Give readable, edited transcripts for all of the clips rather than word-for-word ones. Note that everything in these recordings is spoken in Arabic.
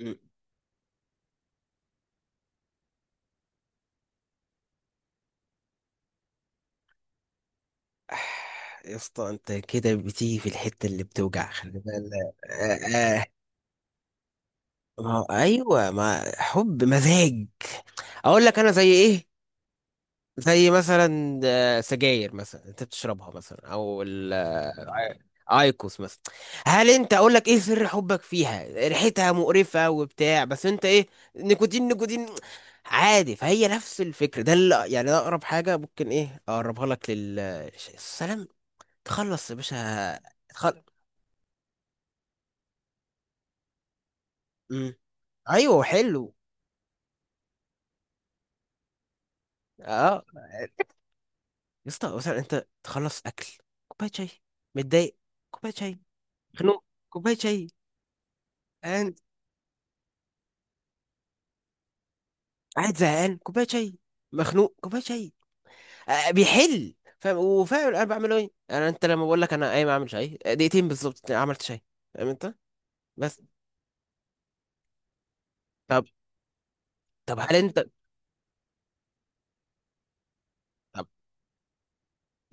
مم. آه. يا اسطى انت كده بتيجي في الحتة اللي بتوجع، خلي بالك. آه آه. آه. ما هو- ايوه، ما حب مزاج. اقول لك انا زي ايه؟ زي مثلا سجاير مثلا انت بتشربها، مثلا، او ال ايكوس مثلا. هل انت، اقول لك ايه سر حبك فيها؟ ريحتها مقرفة وبتاع، بس انت ايه؟ نيكوتين، نيكوتين عادي. فهي نفس الفكرة. ده اللي يعني، ده اقرب حاجة ممكن ايه اقربها لك لل السلام. تخلص يا باشا. تخل... مم. ايوه حلو. اه يا اسطى، مثلا انت تخلص اكل، كوبايه شاي. متضايق، كوبايه شاي. خنوق، كوبايه شاي. قاعد زهقان، كوبايه شاي. مخنوق، كوبايه شاي. بيحل، فاهم؟ وفاهم انا بعمله ايه؟ انا انت لما بقول لك انا قايم اعمل شاي، دقيقتين بالظبط عملت شاي. فاهم انت؟ بس. طب. طب هل انت. طب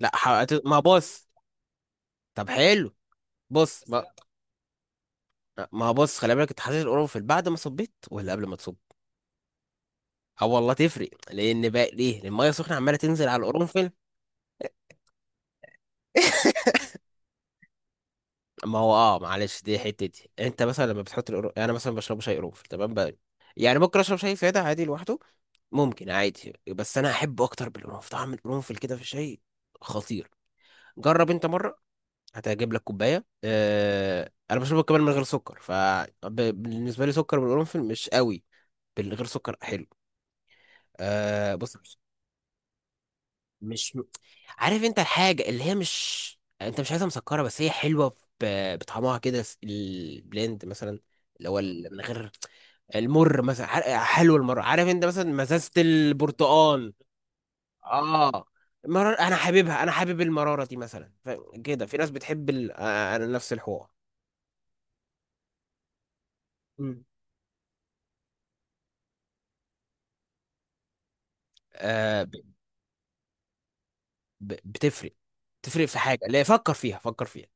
لا. ما بص. طب حلو. بص ما. ما بص، خلي بالك، انت حطيت القرنفل بعد ما صبيت ولا قبل ما تصب؟ اه والله تفرق. لان بقى ليه؟ لان الميه سخنه عماله تنزل على القرنفل. ما هو اه، معلش، دي حتتي. انت مثلا لما بتحط القرنفل، انا مثلا بشرب شاي قرنفل، تمام بقى؟ يعني ممكن اشرب شاي ساده عادي لوحده، ممكن عادي، بس انا احب اكتر بالقرنفل. طعم القرنفل كده في الشاي خطير. جرب انت مره، هتعجب لك كوبايه. اه انا بشربه كمان من غير سكر، فبالنسبه لي سكر بالقرنفل مش قوي. بالغير سكر حلو. آه بص، مش عارف انت الحاجة اللي هي مش، انت مش عايزها مسكرة، بس هي حلوة. بطعمها كده. البلند مثلا، اللي هو من غير المر مثلا. حلو المر، عارف انت، مثلا مزازة البرتقال. اه، مرار. انا حاببها، انا حابب المرارة دي مثلا. كده، في ناس بتحب ال... انا نفس الحوار. مم. بتفرق. تفرق في حاجه، لا فكر فيها، فكر فيها.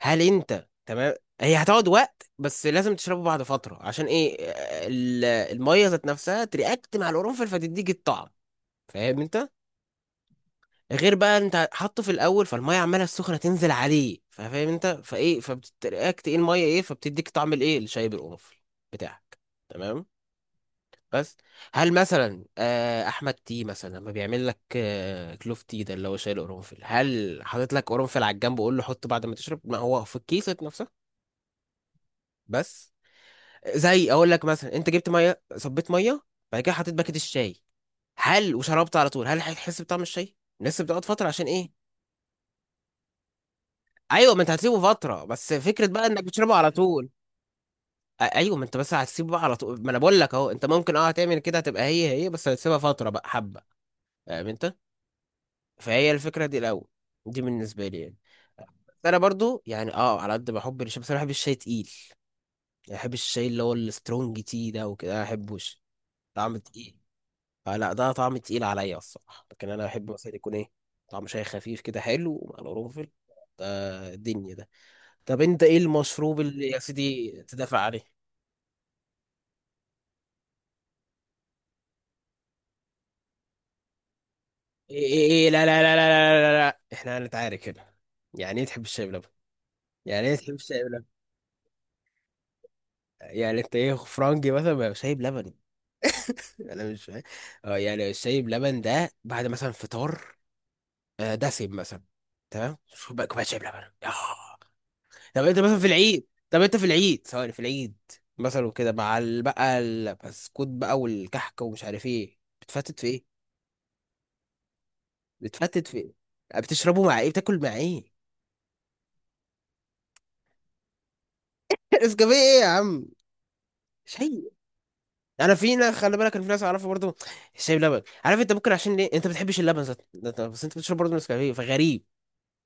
هل انت تمام؟ هي هتقعد وقت، بس لازم تشربه بعد فتره. عشان ايه؟ الميه ذات نفسها ترياكت مع القرنفل، فتديك الطعم. فاهم انت؟ غير بقى انت حاطه في الاول، فالميه عماله السخنه تنزل عليه، فاهم انت؟ فايه، فبترياكت ايه الميه، ايه، فبتديك طعم الايه، الشاي بالقرنفل بتاعك. تمام؟ بس. هل مثلا احمد تي مثلا لما بيعمل لك كلوف تي، ده اللي هو شايل قرنفل، هل حاطط لك قرنفل على الجنب وقول له حطه بعد ما تشرب؟ ما هو في الكيسة نفسها. بس. زي اقول لك مثلا، انت جبت ميه، صبيت ميه، بعد كده حطيت باكيت الشاي، هل وشربت على طول؟ هل هتحس بطعم الشاي؟ لسه بتقعد فتره. عشان ايه؟ ايوه، ما انت هتسيبه فتره، بس فكره بقى انك بتشربه على طول. ايوه، ما انت بس هتسيبه بقى على طول، ما انا بقول لك اهو، انت ممكن اه هتعمل كده، هتبقى هي هي، بس هتسيبها فتره بقى حبه. فاهم انت؟ فهي الفكرة دي الأول، دي بالنسبة لي يعني. بس أنا برضو يعني، أه، على قد بحب الشاي، بس أنا بحب الشاي تقيل. يعني بحب الشاي اللي هو السترونج تي ده، وكده أنا بحبوش. طعم تقيل، فلا، ده طعم تقيل عليا الصراحة. لكن أنا بحب مثلا يكون إيه، طعم شاي خفيف كده حلو ومع القرنفل ده، الدنيا ده. طب أنت إيه المشروب اللي يا سيدي تدافع عليه؟ إيه، إيه، إيه، لا لا لا لا. لا لا، لا. إحنا هنتعارك هنا. يعني إيه تحب الشاي بلبن؟ يعني إيه تحب الشاي بلبن؟ يعني أنت إيه، فرنجي مثلا؟ ما شاي بلبن، يعني انا مش فاهم. اه، يعني الشاي بلبن ده بعد مثلا فطار، دسم مثلا. تمام. شوف بقى كوبايه شاي بلبن، ياه. طب انت مثلا في العيد، طب انت في العيد، ثواني، في العيد مثلا، وكده مع بقى البسكوت بقى والكحكه ومش عارف ايه، بتفتت في ايه؟ بتفتت في ايه؟ بتشربه مع ايه، بتاكل مع ايه؟ نسكافيه ايه يا عم؟ شاي. انا في ناس، خلي بالك، انا في ناس اعرفها برضه. الشاي بلبن، عارف انت، ممكن عشان ليه انت ما بتحبش اللبن ذات بس انت بتشرب برضه نسكافيه، فغريب.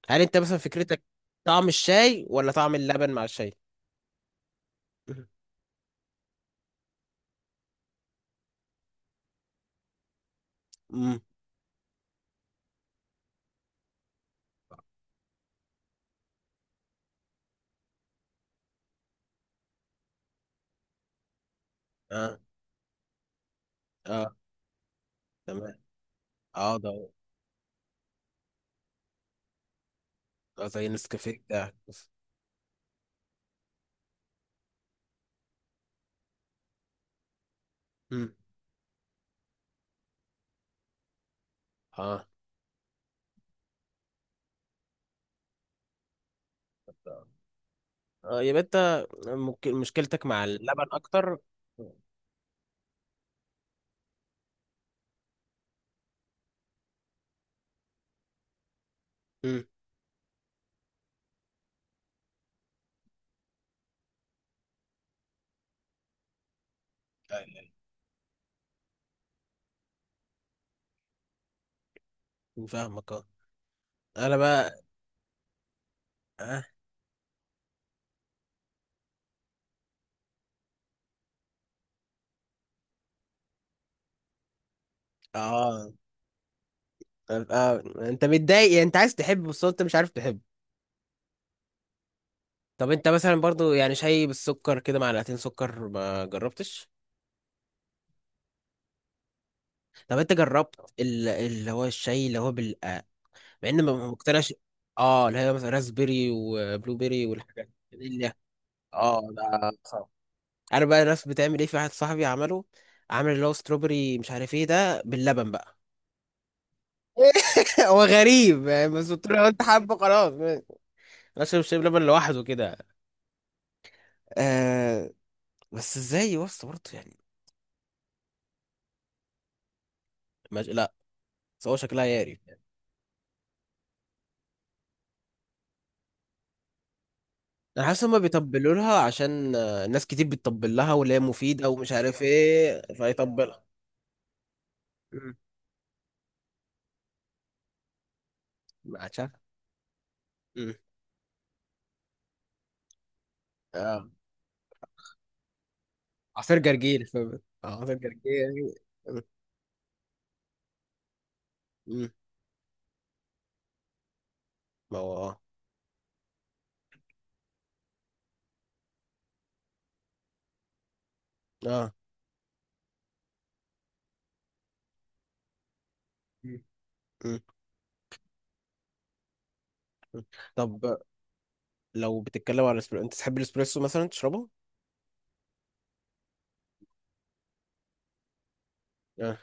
هل انت مثلا فكرتك طعم الشاي ولا طعم اللبن مع الشاي؟ امم. اه، اه تمام. اه ده، ده زي نسكافيه ده. امم. اه، اه يبقى انت ممكن مشكلتك مع اللبن اكتر. امم. فاهمك، اه. انا بقى، اه. اه، انت متضايق يعني، انت عايز تحب بس انت مش عارف تحب. طب انت مثلا برضو يعني شاي بالسكر كده، معلقتين سكر، ما جربتش؟ طب انت جربت اللي هو الشاي اللي هو مع ان ما مقتنعش. اه، اللي هي مثلا راسبيري وبلو بيري والحاجات دي اللي. اه ده صعب. عارف بقى الناس بتعمل ايه؟ في واحد صاحبي عمله، عامل اللي هو ستروبري مش عارف ايه ده باللبن بقى. هو غريب يعني، بس قلت له لو انت حابه خلاص ماشي. انا شايف، شايف لبن لوحده كده. آه. بس ازاي يا اسطى برضه يعني؟ لا، بس هو شكلها يعرف يعني. انا حاسس هما بيطبلوا لها عشان ناس كتير بتطبل لها واللي هي مفيده ومش عارف ايه، فيطبلها. مم. ما عادش عارف. مم. اه، عصير جرجير، فاهم؟ عصير جرجير. م- م. ما هو اه. اه. م- م- م. طب، لو بتتكلم على الاسبريسو، انت تحب الاسبريسو مثلا تشربه؟ اه.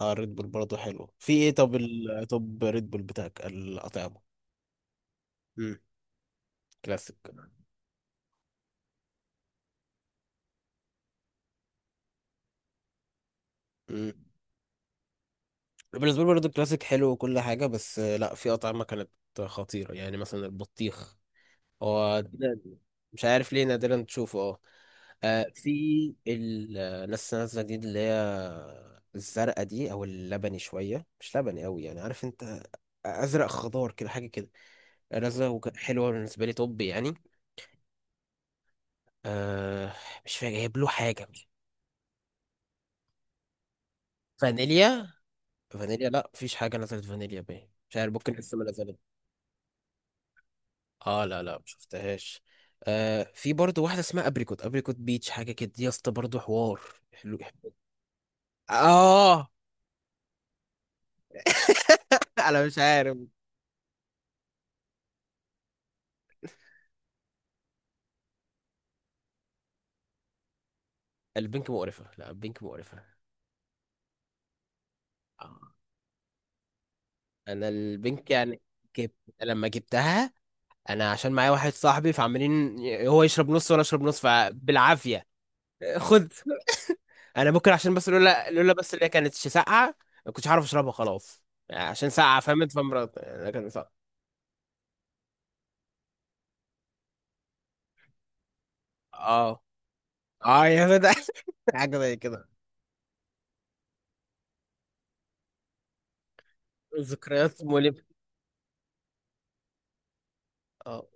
اه ريد بول برضه حلو، في ايه؟ طب ال... طب ريد بول بتاعك الاطعمه؟ امم. كلاسيك. امم. بالنسبه لي برضه الكلاسيك حلو وكل حاجه، بس لا، في اطعمه كانت خطيره يعني، مثلا البطيخ. هو نادراً، مش عارف ليه نادرا تشوفه. آه. آه في ال- لسه نازله جديد اللي هي الزرقاء دي، او اللبني شويه، مش لبني قوي يعني، عارف انت، ازرق خضار كده، حاجه كده. رزه حلوه بالنسبه لي. طب يعني، آه، مش فاكر جايب له حاجه. مش فانيليا؟ فانيليا، لا، مفيش حاجه نزلت فانيليا باين، مش عارف، ممكن لسه ما نزلت. اه لا لا، ما شفتهاش. آه في برضه واحده اسمها ابريكوت، ابريكوت بيتش، حاجه كده. دي يا اسطى برضه حوار، حلو حلو. اه. انا مش عارف. البنك مقرفة، لا البنك مقرفة. آه. انا البنك يعني. جبت، لما جبتها، انا عشان معايا واحد صاحبي، فعمالين هو يشرب نص وانا اشرب نص، فبالعافيه. خد. انا ممكن عشان بس، لولا، لولا بس اللي هي كانت ساقعه ما كنتش عارف اشربها خلاص. يعني عشان ساقعه، فهمت؟ فمرض يعني، كان ساقعه. اه. اه يا فتى. حاجه زي كده. ذكريات مؤلمه. اه.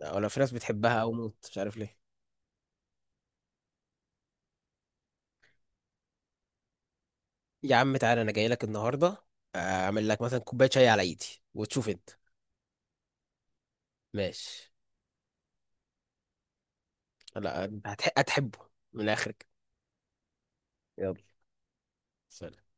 لا، ولا في ناس بتحبها او موت، مش عارف ليه. يا عم تعالى، انا جاي لك النهارده، اعمل لك مثلا كوبايه شاي على ايدي، وتشوف انت. ماشي. لا انت هتحبه، من الاخر كده. يلا. سلام.